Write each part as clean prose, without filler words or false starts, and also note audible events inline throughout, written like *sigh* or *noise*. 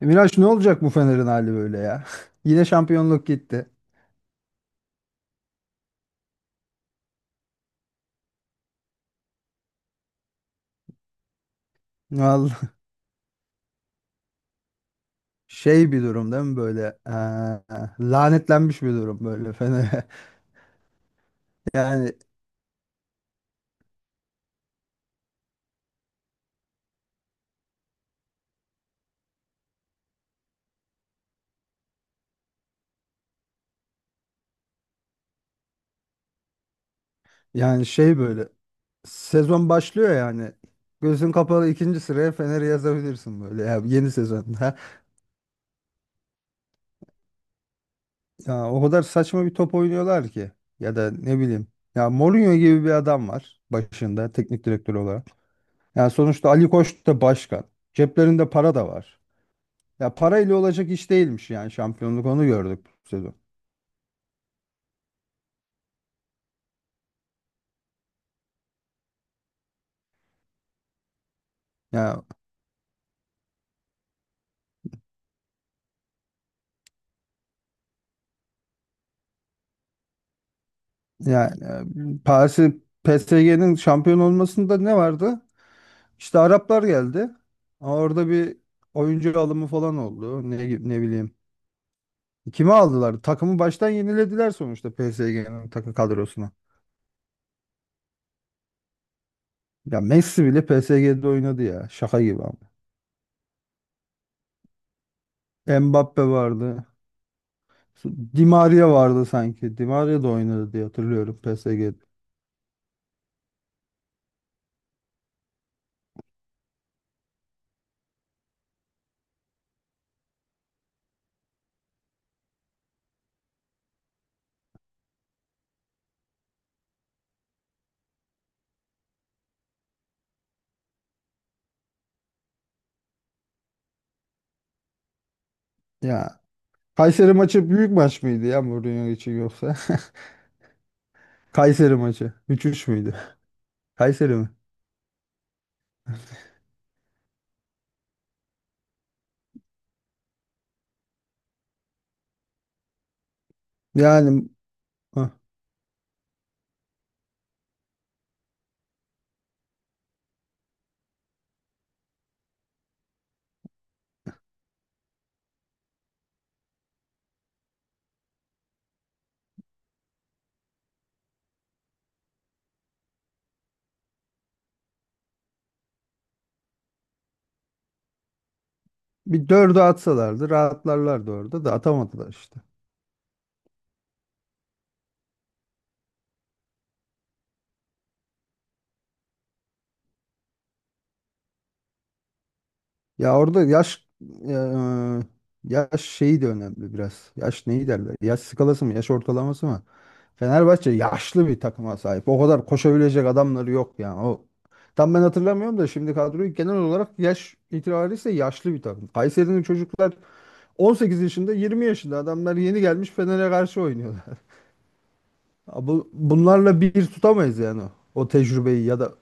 E, Miraç, ne olacak bu Fener'in hali böyle ya? *laughs* Yine şampiyonluk gitti. Vallahi. *laughs* Şey bir durum değil mi böyle? Lanetlenmiş bir durum böyle Fener'e. *laughs* Yani yani şey böyle, sezon başlıyor yani. Gözün kapalı ikinci sıraya Fener'i yazabilirsin böyle ya, yeni sezonda. Ya o kadar saçma bir top oynuyorlar ki, ya da ne bileyim. Ya, Mourinho gibi bir adam var başında teknik direktör olarak. Yani sonuçta Ali Koç da başkan. Ceplerinde para da var. Ya parayla olacak iş değilmiş yani, şampiyonluk, onu gördük bu sezon. Ya yani, Paris'i PSG'nin şampiyon olmasında ne vardı? İşte Araplar geldi. Ama orada bir oyuncu alımı falan oldu. Ne bileyim. Kimi aldılar? Takımı baştan yenilediler sonuçta PSG'nin kadrosuna. Ya Messi bile PSG'de oynadı ya. Şaka gibi ama. Mbappe vardı. Di Maria vardı sanki. Di Maria da oynadı diye hatırlıyorum PSG'de. Ya, Kayseri maçı büyük maç mıydı ya Mourinho için, yoksa? *laughs* Kayseri maçı. 3-3 müydü? Kayseri mi? Yani ah, bir dördü atsalardı rahatlarlardı, orada da atamadılar işte. Ya orada yaş ya, e, Yaş şeyi de önemli biraz. Yaş neyi derler? Yaş skalası mı? Yaş ortalaması mı? Fenerbahçe yaşlı bir takıma sahip. O kadar koşabilecek adamları yok yani. Tam ben hatırlamıyorum da şimdi kadroyu, genel olarak yaş itibariyle yaşlı bir takım. Kayseri'nin çocuklar, 18 yaşında, 20 yaşında adamlar yeni gelmiş Fener'e karşı oynuyorlar. *laughs* Ya bunlarla bir tutamayız yani, o tecrübeyi, ya da...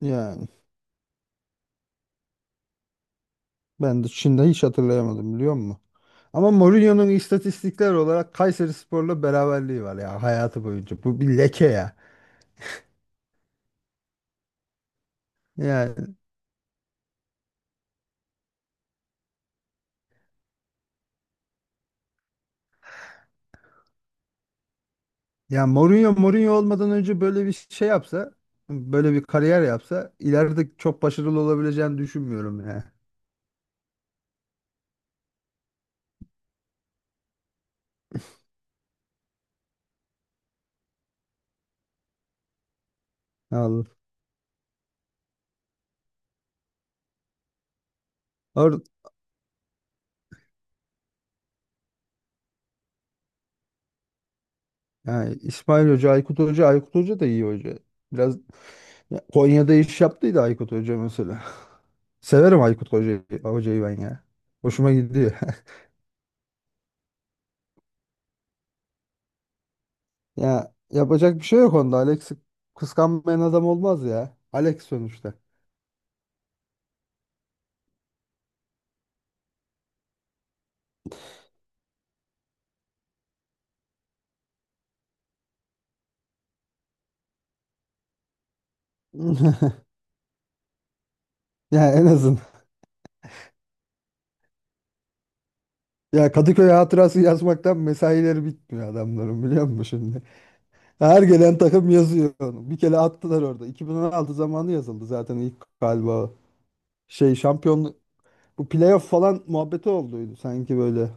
Yani ben de Çin'de hiç hatırlayamadım, biliyor musun? Ama Mourinho'nun istatistikler olarak Kayserispor'la beraberliği var ya hayatı boyunca. Bu bir leke ya. Yani ya, Mourinho, Mourinho olmadan önce böyle bir şey yapsa, böyle bir kariyer yapsa ileride çok başarılı olabileceğini düşünmüyorum ya. Allah. Or Yani İsmail Hoca, Aykut Hoca, Aykut Hoca da iyi hoca. Biraz Ya, Konya'da iş yaptıydı Aykut Hoca mesela. *laughs* Severim Aykut Hoca'yı, hocayı ben ya. Hoşuma gidiyor. *laughs* Ya yapacak bir şey yok onda. Alex, kıskanmayan adam olmaz ya. Alex sonuçta. *laughs* Ya en azın. Ya, Kadıköy hatırası yazmaktan mesaileri bitmiyor adamların, biliyor musun şimdi? Her gelen takım yazıyor onu. Bir kere attılar orada. 2016 zamanı yazıldı zaten ilk galiba. Şey şampiyon Bu playoff falan muhabbeti olduydu sanki böyle.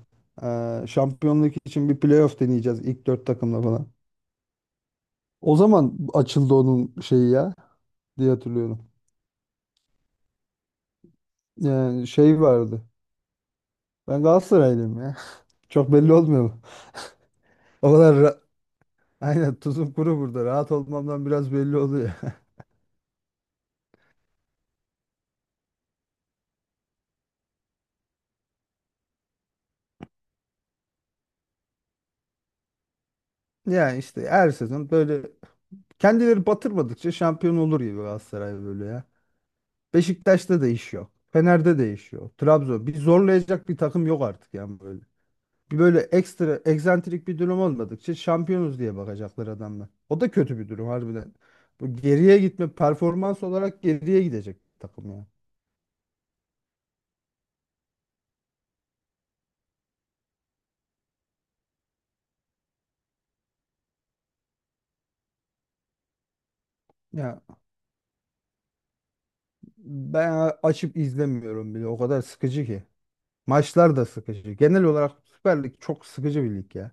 Şampiyonluk için bir playoff deneyeceğiz ilk dört takımla falan. O zaman açıldı onun şeyi ya, diye hatırlıyorum. Yani şey vardı. Ben Galatasaraylıyım ya. *laughs* Çok belli olmuyor mu? O kadar ra- aynen, tuzum kuru burada. Rahat olmamdan biraz belli oluyor. *laughs* Yani işte her sezon böyle, kendileri batırmadıkça şampiyon olur gibi Galatasaray böyle ya. Beşiktaş'ta da iş yok. Fener'de de iş yok. Trabzon. Bir zorlayacak bir takım yok artık yani böyle. Bir böyle ekstra egzantrik bir durum olmadıkça şampiyonuz diye bakacaklar adamlar. O da kötü bir durum harbiden. Bu geriye gitme, performans olarak geriye gidecek takım ya. Ya ben açıp izlemiyorum bile. O kadar sıkıcı ki. Maçlar da sıkıcı. Genel olarak Süper Lig çok sıkıcı bir lig ya.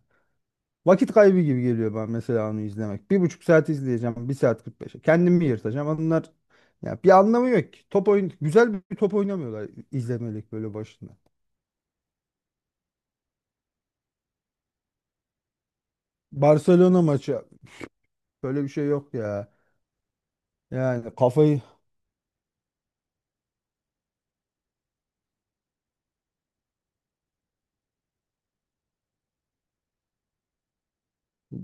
Vakit kaybı gibi geliyor bana mesela onu izlemek. 1,5 saat izleyeceğim, bir saat 45'e. Kendimi yırtacağım. Ya bir anlamı yok ki. Top oyun Güzel bir top oynamıyorlar, izlemelik böyle başında. Barcelona maçı. Böyle bir şey yok ya. Yani kafayı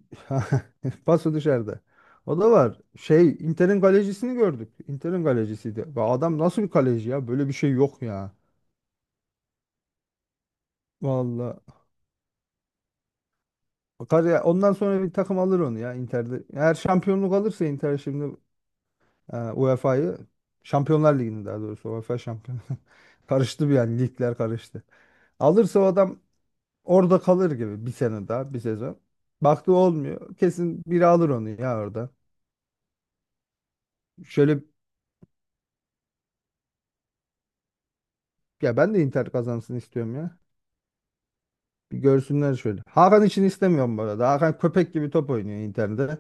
*laughs* Pası dışarıda. O da var. Şey, Inter'in kalecisini gördük. Inter'in kalecisiydi. Ve adam, nasıl bir kaleci ya? Böyle bir şey yok ya. Vallahi. Bakar ya, ondan sonra bir takım alır onu ya Inter'de. Eğer şampiyonluk alırsa Inter şimdi, UEFA'yı, Şampiyonlar Ligi'ni daha doğrusu, UEFA şampiyon. *laughs* Karıştı bir yani, ligler karıştı. Alırsa o adam orada kalır gibi, bir sene daha, bir sezon. Baktı olmuyor, kesin biri alır onu ya orada. Şöyle Ya ben de Inter kazansın istiyorum ya. Bir görsünler şöyle. Hakan için istemiyorum bu arada. Hakan köpek gibi top oynuyor Inter'de.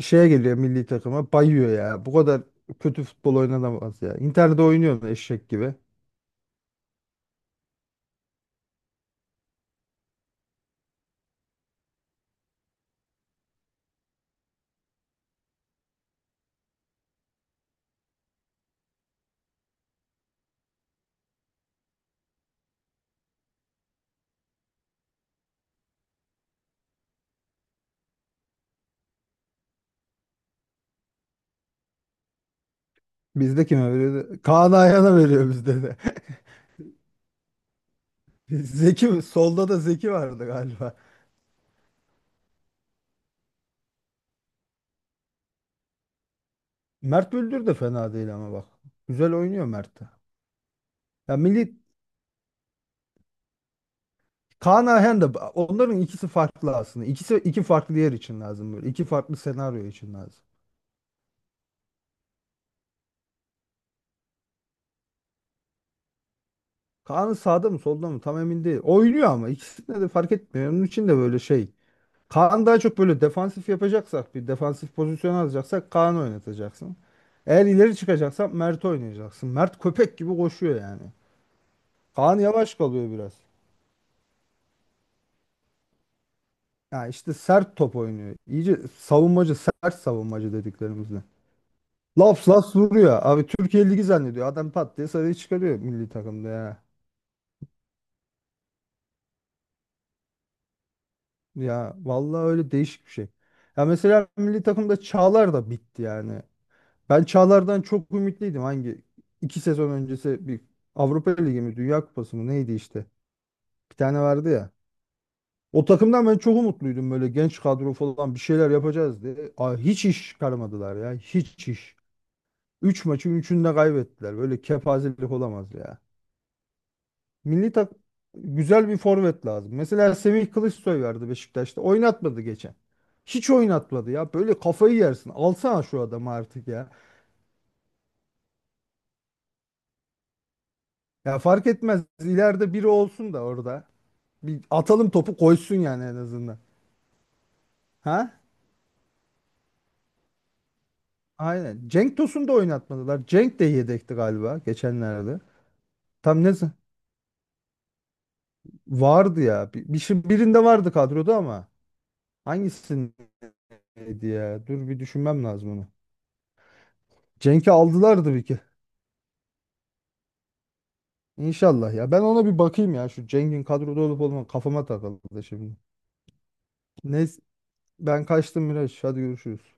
Şeye geliyor, milli takıma bayıyor ya. Bu kadar kötü futbol oynanamaz ya. Inter'de oynuyor eşek gibi. Bizde kime veriyor? Kaan Ayhan'a veriyor bizde de. *laughs* Solda da Zeki vardı galiba. Mert Müldür de fena değil ama, bak. Güzel oynuyor Mert de. Ya milli Kaan Ayhan da, onların ikisi farklı aslında. İkisi iki farklı yer için lazım böyle. İki farklı senaryo için lazım. Kaan sağda mı solda mı tam emin değil. Oynuyor ama ikisinde de fark etmiyor. Onun için de böyle şey. Kaan daha çok böyle defansif yapacaksak, bir defansif pozisyon alacaksak Kaan oynatacaksın. Eğer ileri çıkacaksan Mert oynayacaksın. Mert köpek gibi koşuyor yani. Kaan yavaş kalıyor biraz. Ya işte sert top oynuyor. İyice savunmacı, sert savunmacı dediklerimizle. Laps laps vuruyor. Abi, Türkiye Ligi zannediyor. Adam pat diye sarıyı çıkarıyor milli takımda ya. Ya vallahi öyle, değişik bir şey. Ya mesela milli takımda Çağlar da bitti yani. Ben Çağlar'dan çok ümitliydim. İki sezon öncesi bir Avrupa Ligi mi Dünya Kupası mı neydi işte. Bir tane vardı ya. O takımdan ben çok umutluydum, böyle genç kadro falan bir şeyler yapacağız diye. Aa, hiç iş çıkarmadılar ya, hiç iş. Üç maçın üçünü de kaybettiler. Böyle kepazelik olamaz ya. Milli tak Güzel bir forvet lazım. Mesela Semih Kılıçsoy vardı Beşiktaş'ta. Oynatmadı geçen. Hiç oynatmadı ya. Böyle kafayı yersin. Alsana şu adamı artık ya. Ya fark etmez. İleride biri olsun da orada. Bir atalım, topu koysun yani en azından. Ha? Aynen. Cenk Tosun'u da oynatmadılar. Cenk de yedekti galiba geçenlerde. Tam ne z- Vardı ya. Birinde vardı kadroda ama hangisindeydi ya? Dur bir düşünmem lazım onu. Cenk'i aldılardı bir kere. İnşallah ya. Ben ona bir bakayım ya. Şu Cengin kadroda olup olmadığı kafama takıldı şimdi. Neyse, ben kaçtım Miraç. Hadi görüşürüz.